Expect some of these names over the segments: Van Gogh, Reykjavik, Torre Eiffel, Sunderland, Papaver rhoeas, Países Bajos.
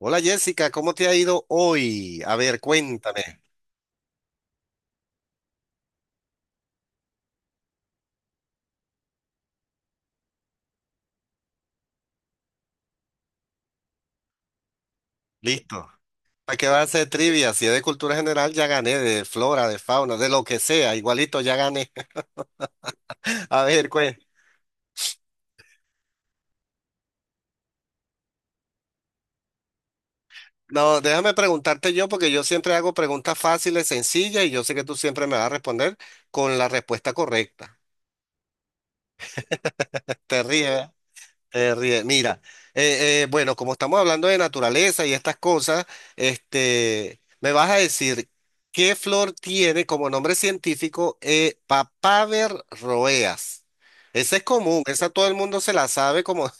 Hola Jessica, ¿cómo te ha ido hoy? A ver, cuéntame. Listo. ¿Para qué vas a hacer trivia? Si es de cultura general, ya gané, de flora, de fauna, de lo que sea, igualito ya gané. A ver, pues. No, déjame preguntarte yo, porque yo siempre hago preguntas fáciles, sencillas, y yo sé que tú siempre me vas a responder con la respuesta correcta. Te ríes. Te ríes. Mira, bueno, como estamos hablando de naturaleza y estas cosas, me vas a decir qué flor tiene como nombre científico Papaver roeas. Esa es común, esa todo el mundo se la sabe como...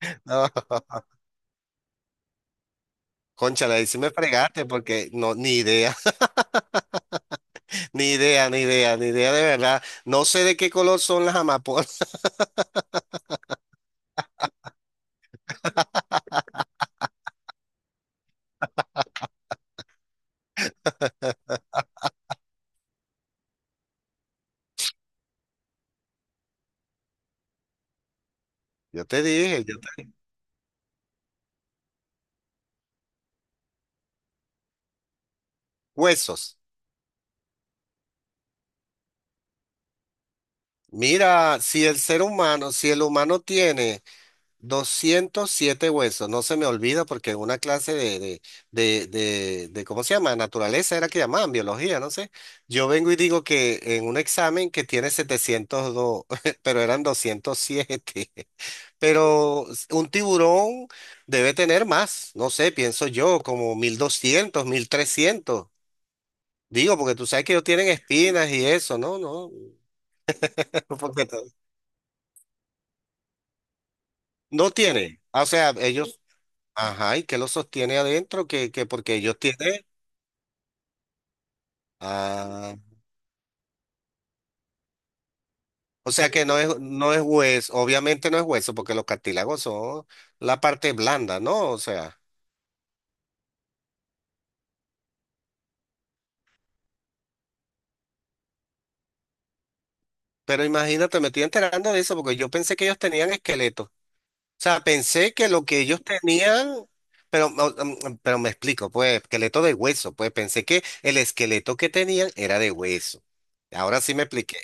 No, cónchale, ahí sí me fregaste porque no, ni idea, ni idea, ni idea, ni idea de verdad. No sé de qué color son las amapolas. Yo te dije, huesos. Mira, si el humano tiene... 207 huesos, no se me olvida porque en una clase de, ¿cómo se llama? Naturaleza era que llamaban, biología, no sé. Yo vengo y digo que en un examen que tiene 702 pero eran 207 Pero un tiburón debe tener más, no sé, pienso yo, como 1.200 1.300. Digo, porque tú sabes que ellos tienen espinas y eso, ¿no? No, porque no tiene. O sea, ellos ajá, y que lo sostiene adentro, que porque ellos tienen. Ah, o sea que no es hueso, obviamente no es hueso, porque los cartílagos son la parte blanda, ¿no? O sea, pero imagínate, me estoy enterando de eso, porque yo pensé que ellos tenían esqueleto. O sea, pensé que lo que ellos tenían, pero, no, pero me explico, pues, esqueleto de hueso, pues pensé que el esqueleto que tenían era de hueso. Ahora sí me expliqué.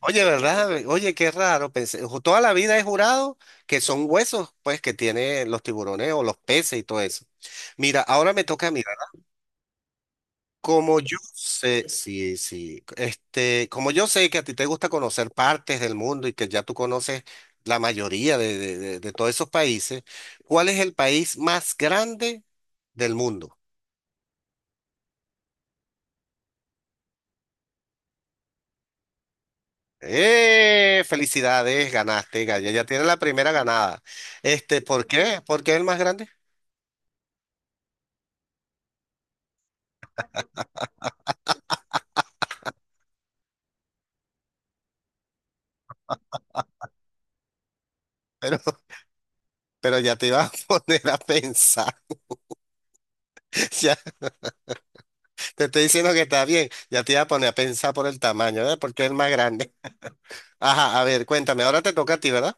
Oye, ¿verdad? Oye, qué raro. Pensé, toda la vida he jurado que son huesos, pues, que tienen los tiburones o los peces y todo eso. Mira, ahora me toca mirar. Como yo sé, sí, sí, como yo sé que a ti te gusta conocer partes del mundo y que ya tú conoces la mayoría de todos esos países, ¿cuál es el país más grande del mundo? ¡Eh! Felicidades, ganaste, Gaya. Ya tienes la primera ganada. ¿Por qué? ¿Por qué es el más grande? Pero Pero ya te iba a poner a pensar. Ya te estoy diciendo que está bien. Ya te iba a poner a pensar por el tamaño, ¿verdad? Porque es el más grande. Ajá, a ver, cuéntame. Ahora te toca a ti, ¿verdad?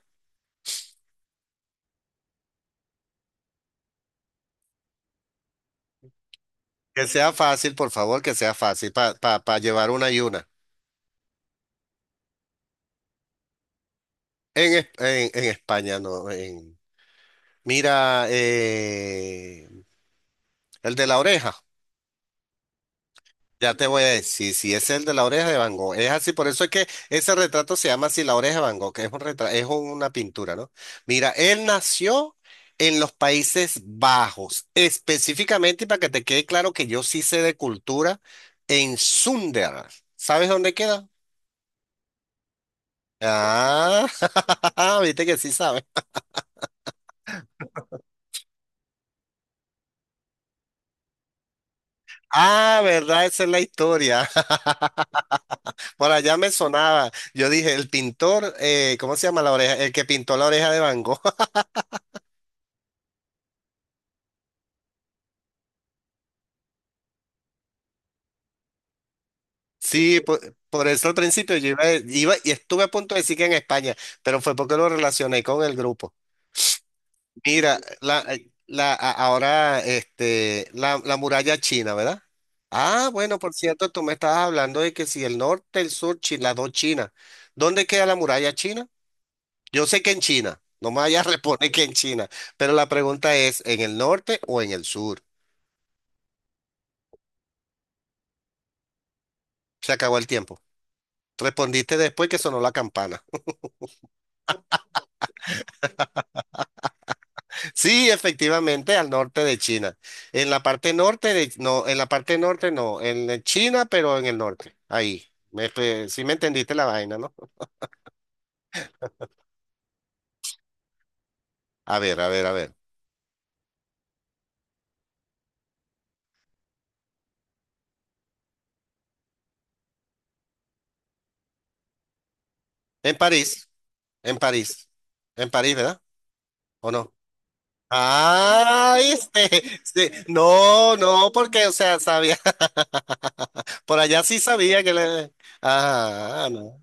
Que sea fácil, por favor, que sea fácil para pa, pa pa llevar una y una. En España, no. En... Mira, el de la oreja. Ya te voy a decir, si es el de la oreja de Van Gogh, es así, por eso es que ese retrato se llama así, la oreja de Van Gogh, que es un retrato, es una pintura, ¿no? Mira, él nació en los Países Bajos, específicamente, y para que te quede claro que yo sí sé de cultura, en Sunderland. ¿Sabes dónde queda? Ah, viste que sí sabes. Ah, verdad, esa es la historia. Por allá me sonaba. Yo dije, el pintor, ¿cómo se llama la oreja? El que pintó la oreja de Van Gogh. Sí, por, eso al principio yo iba, iba y estuve a punto de decir que en España, pero fue porque lo relacioné con el grupo. Mira, ahora la muralla china, ¿verdad? Ah, bueno, por cierto, tú me estabas hablando de que si el norte, el sur, China, las dos Chinas. ¿Dónde queda la muralla china? Yo sé que en China, no me vayas a responder que en China, pero la pregunta es, ¿en el norte o en el sur? Se acabó el tiempo. Respondiste después que sonó la campana. Sí, efectivamente, al norte de China. En la parte norte de, no, en la parte norte no, en China, pero en el norte. Ahí. Me, espe- sí me entendiste la vaina, ¿no? A ver, a ver, a ver. En París, en París, en París, ¿verdad? ¿O no? Ah, sí. No, no, porque, o sea, sabía, por allá sí sabía que le... Ah, no.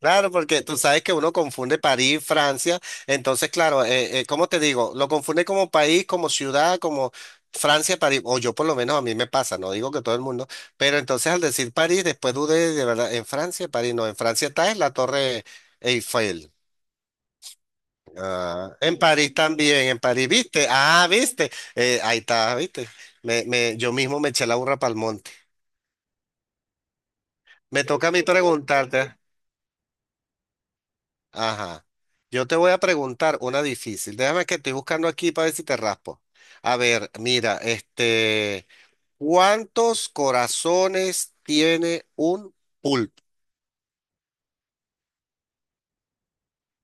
Claro, porque tú sabes que uno confunde París, Francia, entonces claro, ¿cómo te digo? Lo confunde como país, como ciudad, como Francia, París, o yo por lo menos a mí me pasa, no digo que todo el mundo, pero entonces al decir París, después dudé de verdad, en Francia, París, no, en Francia está en la Torre Eiffel, ah, en París también, en París, ¿viste? Ah, ¿viste? Ahí está, ¿viste? Yo mismo me eché la burra para el monte. Me toca a mí preguntarte. Ajá. Yo te voy a preguntar una difícil. Déjame que estoy buscando aquí para ver si te raspo. A ver, mira, ¿cuántos corazones tiene un pulpo?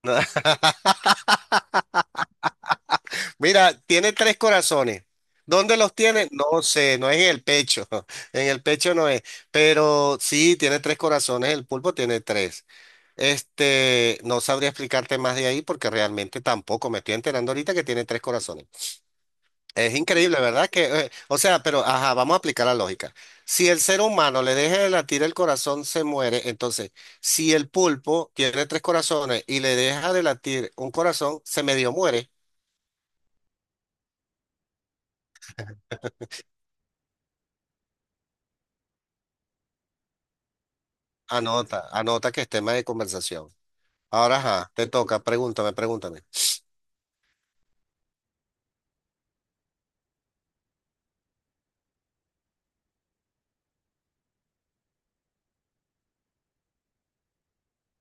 Mira, tiene tres corazones. ¿Dónde los tiene? No sé, no es en el pecho. En el pecho no es. Pero sí, tiene tres corazones. El pulpo tiene tres. No sabría explicarte más de ahí porque realmente tampoco me estoy enterando ahorita que tiene tres corazones. Es increíble, ¿verdad? Que, o sea, pero, ajá, vamos a aplicar la lógica. Si el ser humano le deja de latir el corazón, se muere. Entonces, si el pulpo tiene tres corazones y le deja de latir un corazón, se medio muere. Anota, anota que es tema de conversación. Ahora, ajá, te toca, pregúntame, pregúntame.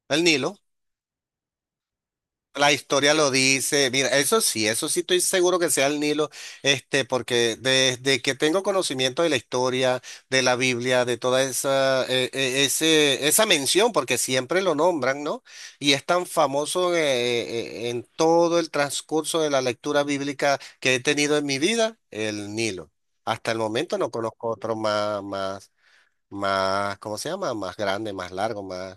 El Nilo. La historia lo dice, mira, eso sí estoy seguro que sea el Nilo, este, porque desde que tengo conocimiento de la historia, de la Biblia, de toda esa mención, porque siempre lo nombran, ¿no? Y es tan famoso en todo el transcurso de la lectura bíblica que he tenido en mi vida, el Nilo. Hasta el momento no conozco otro más, más, más, ¿cómo se llama? Más grande, más largo, más,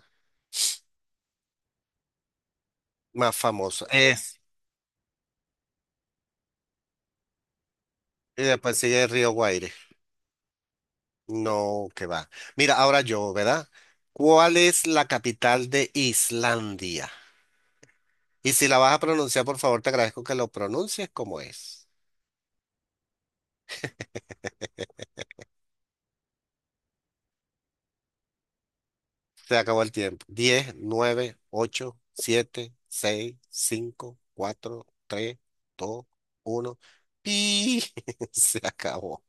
más famoso. Es, y después sigue el río Guaire. No, que va. Mira, ahora yo, ¿verdad? ¿Cuál es la capital de Islandia? Y si la vas a pronunciar, por favor, te agradezco que lo pronuncies como es. Se acabó el tiempo. Diez, nueve, ocho, siete, seis, cinco, cuatro, tres, dos, uno. ¡Pi! Se acabó.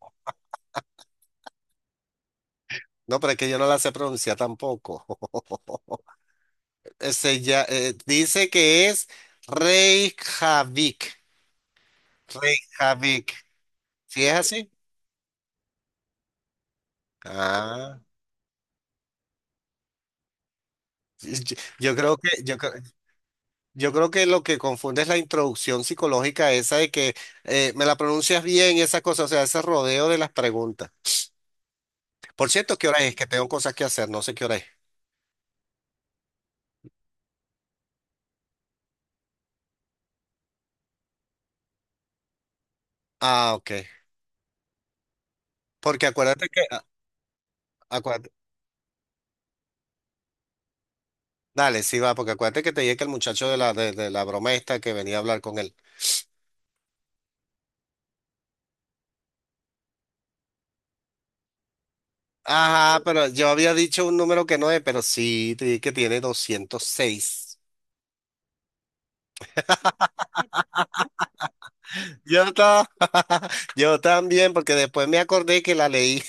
No, pero es que yo no la sé pronunciar tampoco. Ese ya, dice que es Reykjavik. Reykjavik. ¿Sí es así? Ah, y- y- yo creo que yo, cre- yo creo que lo que confunde es la introducción psicológica esa de que me la pronuncias bien y esa cosa, o sea, ese rodeo de las preguntas. Por cierto, ¿qué hora es? Que tengo cosas que hacer, no sé qué hora es. Ah, ok. Porque acuérdate que a- acuérdate- dale, sí va, porque acuérdate que te dije que el muchacho de la de la broma esta que venía a hablar con él. Ajá, pero yo había dicho un número que no es, pero sí, te dije que tiene 206. Yo, ta- yo también, porque después me acordé que la leí.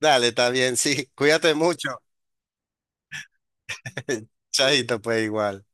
Dale, está bien, sí. Cuídate mucho. Chaito, pues igual.